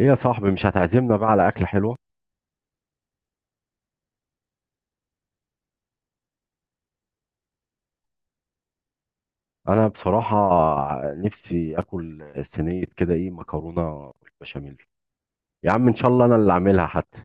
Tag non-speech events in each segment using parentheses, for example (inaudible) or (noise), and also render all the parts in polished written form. ايه يا صاحبي، مش هتعزمنا بقى على اكله حلوه؟ انا بصراحه نفسي اكل صينيه كده، ايه، مكرونه بالبشاميل. يا عم ان شاء الله انا اللي اعملها حتى.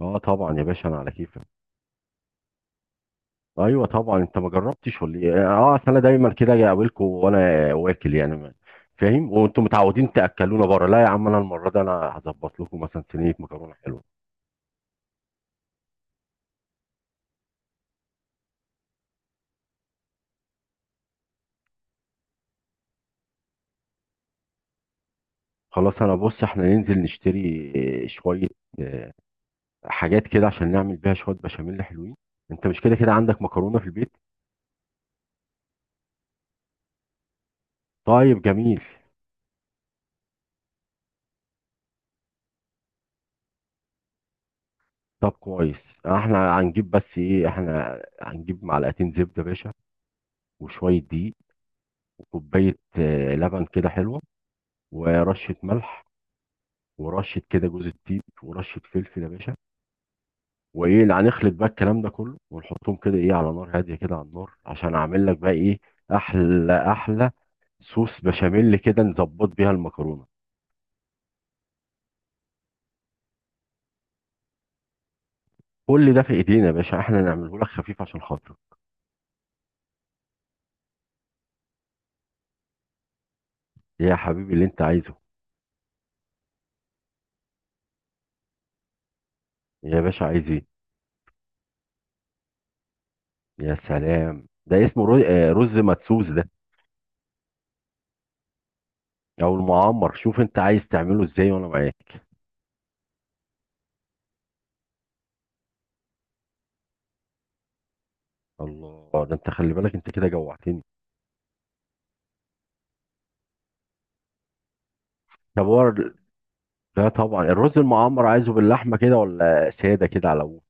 اه طبعا يا باشا، انا على كيفك. ايوه طبعا، انت ما جربتش ولا ايه؟ اه، اصل انا دايما كده اجي اقابلكم وانا واكل، يعني فاهم، وانتم متعودين تاكلونا بره. لا يا عم، انا المره دي انا هظبط لكم مثلا صينيه مكرونه حلوه. خلاص، انا بص احنا ننزل نشتري شويه آه، حاجات كده عشان نعمل بيها شويه بشاميل حلوين. انت مش كده كده عندك مكرونه في البيت؟ طيب جميل. طب كويس. احنا هنجيب معلقتين زبدة يا باشا، وشوية دقيق، وكوباية لبن كده حلوة، ورشة ملح، ورشة كده جوز الطيب، ورشة فلفل يا باشا. وايه اللي هنخلط بقى الكلام ده كله، ونحطهم كده ايه على نار هادية كده على النار، عشان اعمل لك بقى ايه احلى احلى صوص بشاميل كده نظبط بيها المكرونة. كل ده في ايدينا يا باشا، احنا نعمله لك خفيف عشان خاطرك. يا حبيبي اللي انت عايزه. يا باشا عايز ايه؟ يا سلام، ده اسمه رز مدسوس ده. او المعمر، شوف انت عايز تعمله ازاي وانا معاك. الله، ده انت خلي بالك انت كده جوعتني. طب هو ال- لا طبعا الرز المعمر، عايزه باللحمه كده ولا ساده كده على ابوه؟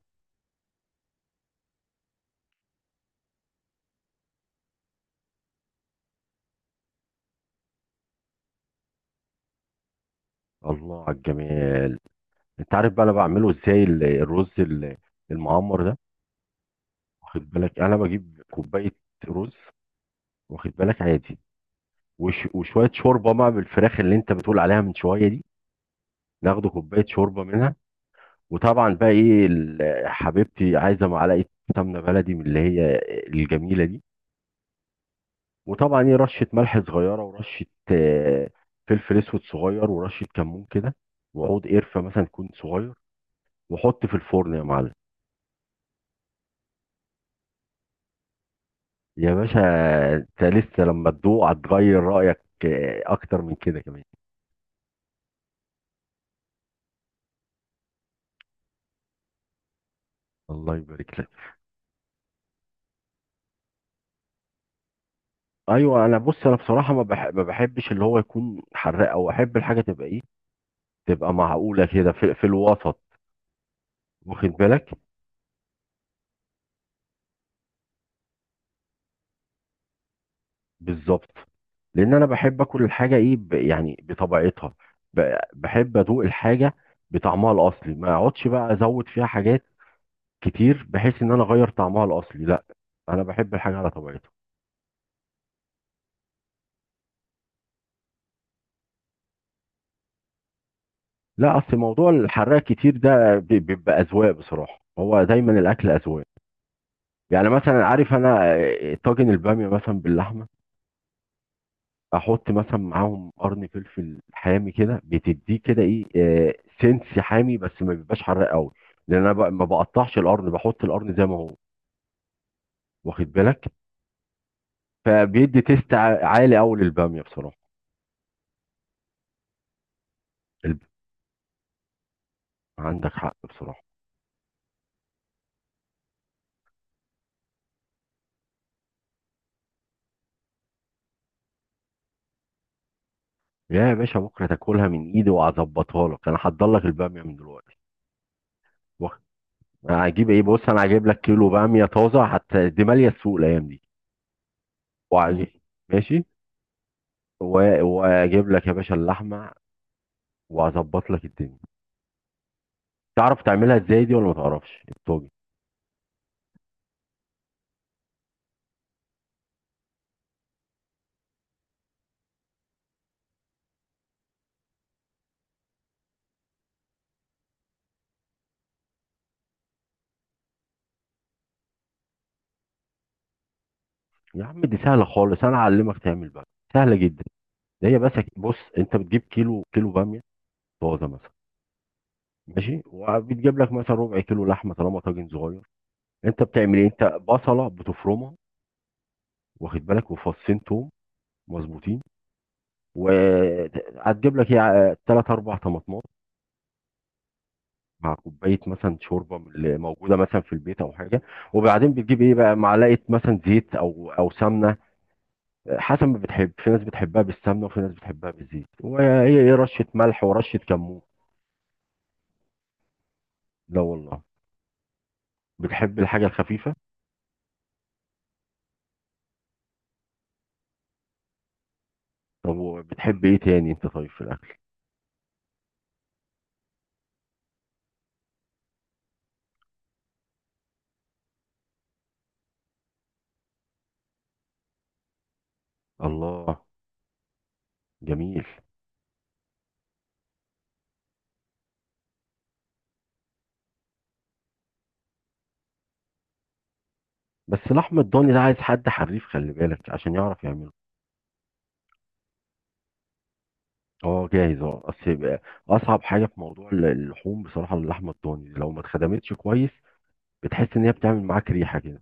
الله على الجمال. انت عارف بقى انا بعمله ازاي الرز المعمر ده؟ واخد بالك، انا بجيب كوبايه رز، واخد بالك، عادي، وشويه شوربه بقى بالفراخ اللي انت بتقول عليها من شويه دي. ناخده كوبايه شوربه منها. وطبعا بقى ايه حبيبتي عايزه معلقه سمنه بلدي، من اللي هي الجميله دي. وطبعا ايه رشه ملح صغيره، ورشه آه، فلفل اسود صغير، ورشه كمون كده، وعود قرفه مثلا يكون صغير، وحط في الفرن يا معلم. يا باشا انت لسه لما تدوق هتغير رايك، اكتر من كده كمان. الله يبارك لك. ايوه انا بص، انا بصراحه ما بحبش اللي هو يكون حراق، او احب الحاجه تبقى ايه، تبقى معقوله كده في الوسط، واخد بالك، بالظبط، لان انا بحب اكل الحاجه ايه، يعني بطبيعتها، بحب ادوق الحاجه بطعمها الاصلي، ما اقعدش بقى ازود فيها حاجات كتير بحيث ان انا اغير طعمها الاصلي. لا، انا بحب الحاجه على طبيعتها. لا اصل موضوع الحراق كتير ده بيبقى اذواق بصراحه، هو دايما الاكل اذواق. يعني مثلا عارف، انا طاجن الباميه مثلا باللحمه، احط مثلا معاهم قرن فلفل حامي كده، بتديه كده ايه سنس حامي، بس ما بيبقاش حراق قوي. لان انا بقى ما بقطعش القرن، بحط القرن زي ما هو، واخد بالك، فبيدي تيست عالي قوي للباميه بصراحه. الب... عندك حق بصراحه. يا باشا بكره تاكلها من ايدي، وهظبطها لك، انا هحضر لك الباميه من دلوقتي. واخد- هجيب ايه، بص انا هجيب لك كيلو باميه طازه حتى، دي ماليه السوق الايام دي. مم. ماشي. واجيب لك يا باشا اللحمه وهظبط لك الدنيا. تعرف تعملها ازاي دي ولا ما تعرفش الطاجن؟ يا عم دي سهله خالص، انا اعلمك تعمل بقى، سهله جدا. ده هي بس، بص انت بتجيب كيلو باميه طازه مثلا، ماشي، وبتجيب لك مثلا ربع كيلو لحمه طالما طاجن صغير. انت بتعمل ايه؟ انت بصله بتفرمها، واخد بالك، وفصين توم مظبوطين، وهتجيب لك ايه ثلاث اربع طماطمات مع كوبايه مثلا شوربه من اللي موجوده مثلا في البيت او حاجه، وبعدين بتجيب ايه بقى معلقه مثلا زيت او سمنه، حسب ما بتحب. في ناس بتحبها بالسمنه، وفي ناس بتحبها بالزيت، وهي ايه رشه ملح ورشه كمون. لا والله، بتحب الحاجه الخفيفه. طب وبتحب ايه تاني انت طيب في الاكل؟ الله جميل. بس اللحم الضاني ده عايز حد حريف خلي بالك عشان يعرف يعمله. اه جاهز، اه اصل يبقى اصعب حاجه في موضوع اللحوم بصراحه اللحمه الضاني، لو ما اتخدمتش كويس بتحس ان هي بتعمل معاك ريحه كده.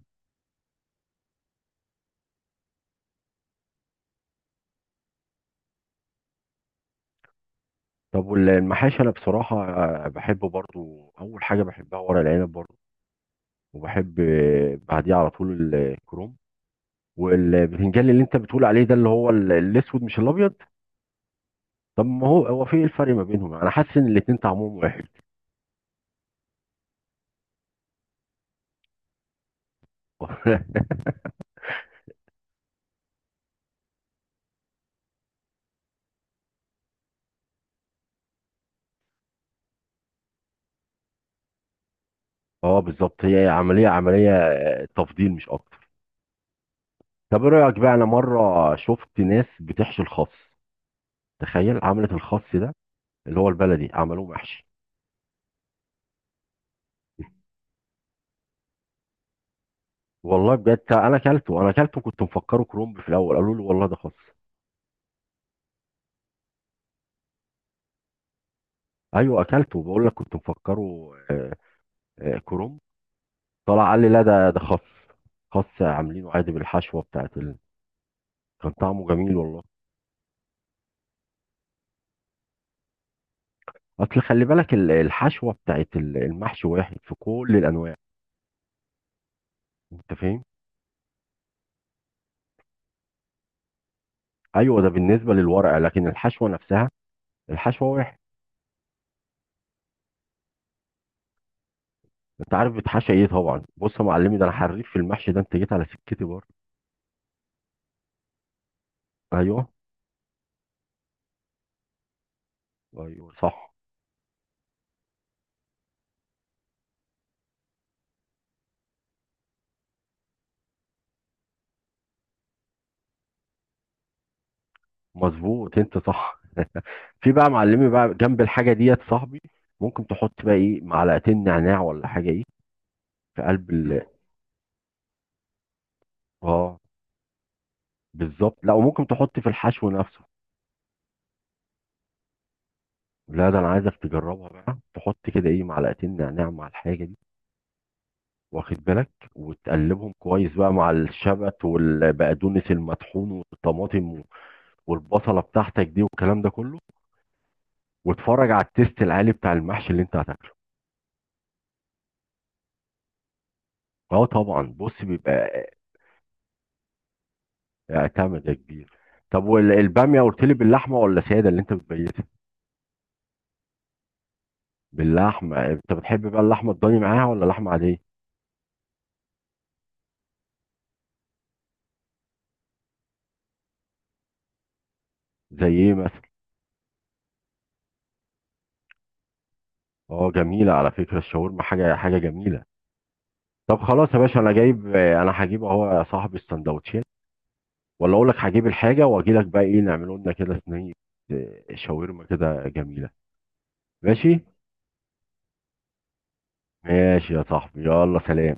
طب والمحاشي، انا بصراحه بحب برضو، اول حاجه بحبها ورق العنب برضو، وبحب بعديه على طول الكروم، والبتنجان اللي انت بتقول عليه ده، اللي هو الاسود مش الابيض. طب ما هو هو في ايه الفرق ما بينهم؟ انا حاسس ان الاتنين طعمهم واحد. (laughs) اه بالظبط، هي عمليه تفضيل مش اكتر. طب ايه رايك بقى، انا مره شفت ناس بتحشي الخس. تخيل، عملت الخس ده اللي هو البلدي عملوه محشي. والله بجد، انا اكلته، كنت مفكره كرومب في الاول، قالوا لي والله ده خس. ايوه اكلته بقول لك، كنت مفكره كرومب. طلع قال لي لا، ده خس، خس عاملينه عادي بالحشوه بتاعت كان طعمه جميل والله. اصل خلي بالك الحشوه بتاعت المحشي واحد في كل الانواع، انت فاهم، ايوه ده بالنسبه للورق، لكن الحشوه نفسها، الحشوه واحد. انت عارف بتحشى ايه طبعا، بص يا معلمي، ده انا حريف في المحشي ده، انت جيت على سكتي برضه. ايوه ايوه صح، مظبوط، انت صح. في بقى معلمي بقى جنب الحاجه ديت صاحبي، ممكن تحط بقى ايه معلقتين نعناع ولا حاجه ايه. في قلب مم. اه بالظبط، لا، وممكن تحط في الحشو نفسه. لا ده انا عايزك تجربها بقى، تحط كده ايه معلقتين نعناع مع الحاجه دي، واخد بالك، وتقلبهم كويس بقى مع الشبت والبقدونس المطحون والطماطم والبصله بتاعتك دي والكلام ده كله، واتفرج على التيست العالي بتاع المحشي اللي انت هتاكله. اه طبعا بص بيبقى. اعتمد ده كبير. طب والباميه قلت لي باللحمه ولا ساده اللي انت بتبيتها؟ باللحمه، انت بتحب بقى اللحمه الضاني معاها ولا لحمه عاديه؟ زي ايه مثلا؟ اه جميلة، على فكرة الشاورما حاجة حاجة جميلة. طب خلاص يا باشا، انا جايب آه، انا هجيب اهو يا صاحبي السندوتشين، ولا اقول لك هجيب الحاجة واجي لك، بقى ايه نعمله لنا كده صينية شاورما كده جميلة، ماشي. ماشي يا صاحبي، يلا سلام.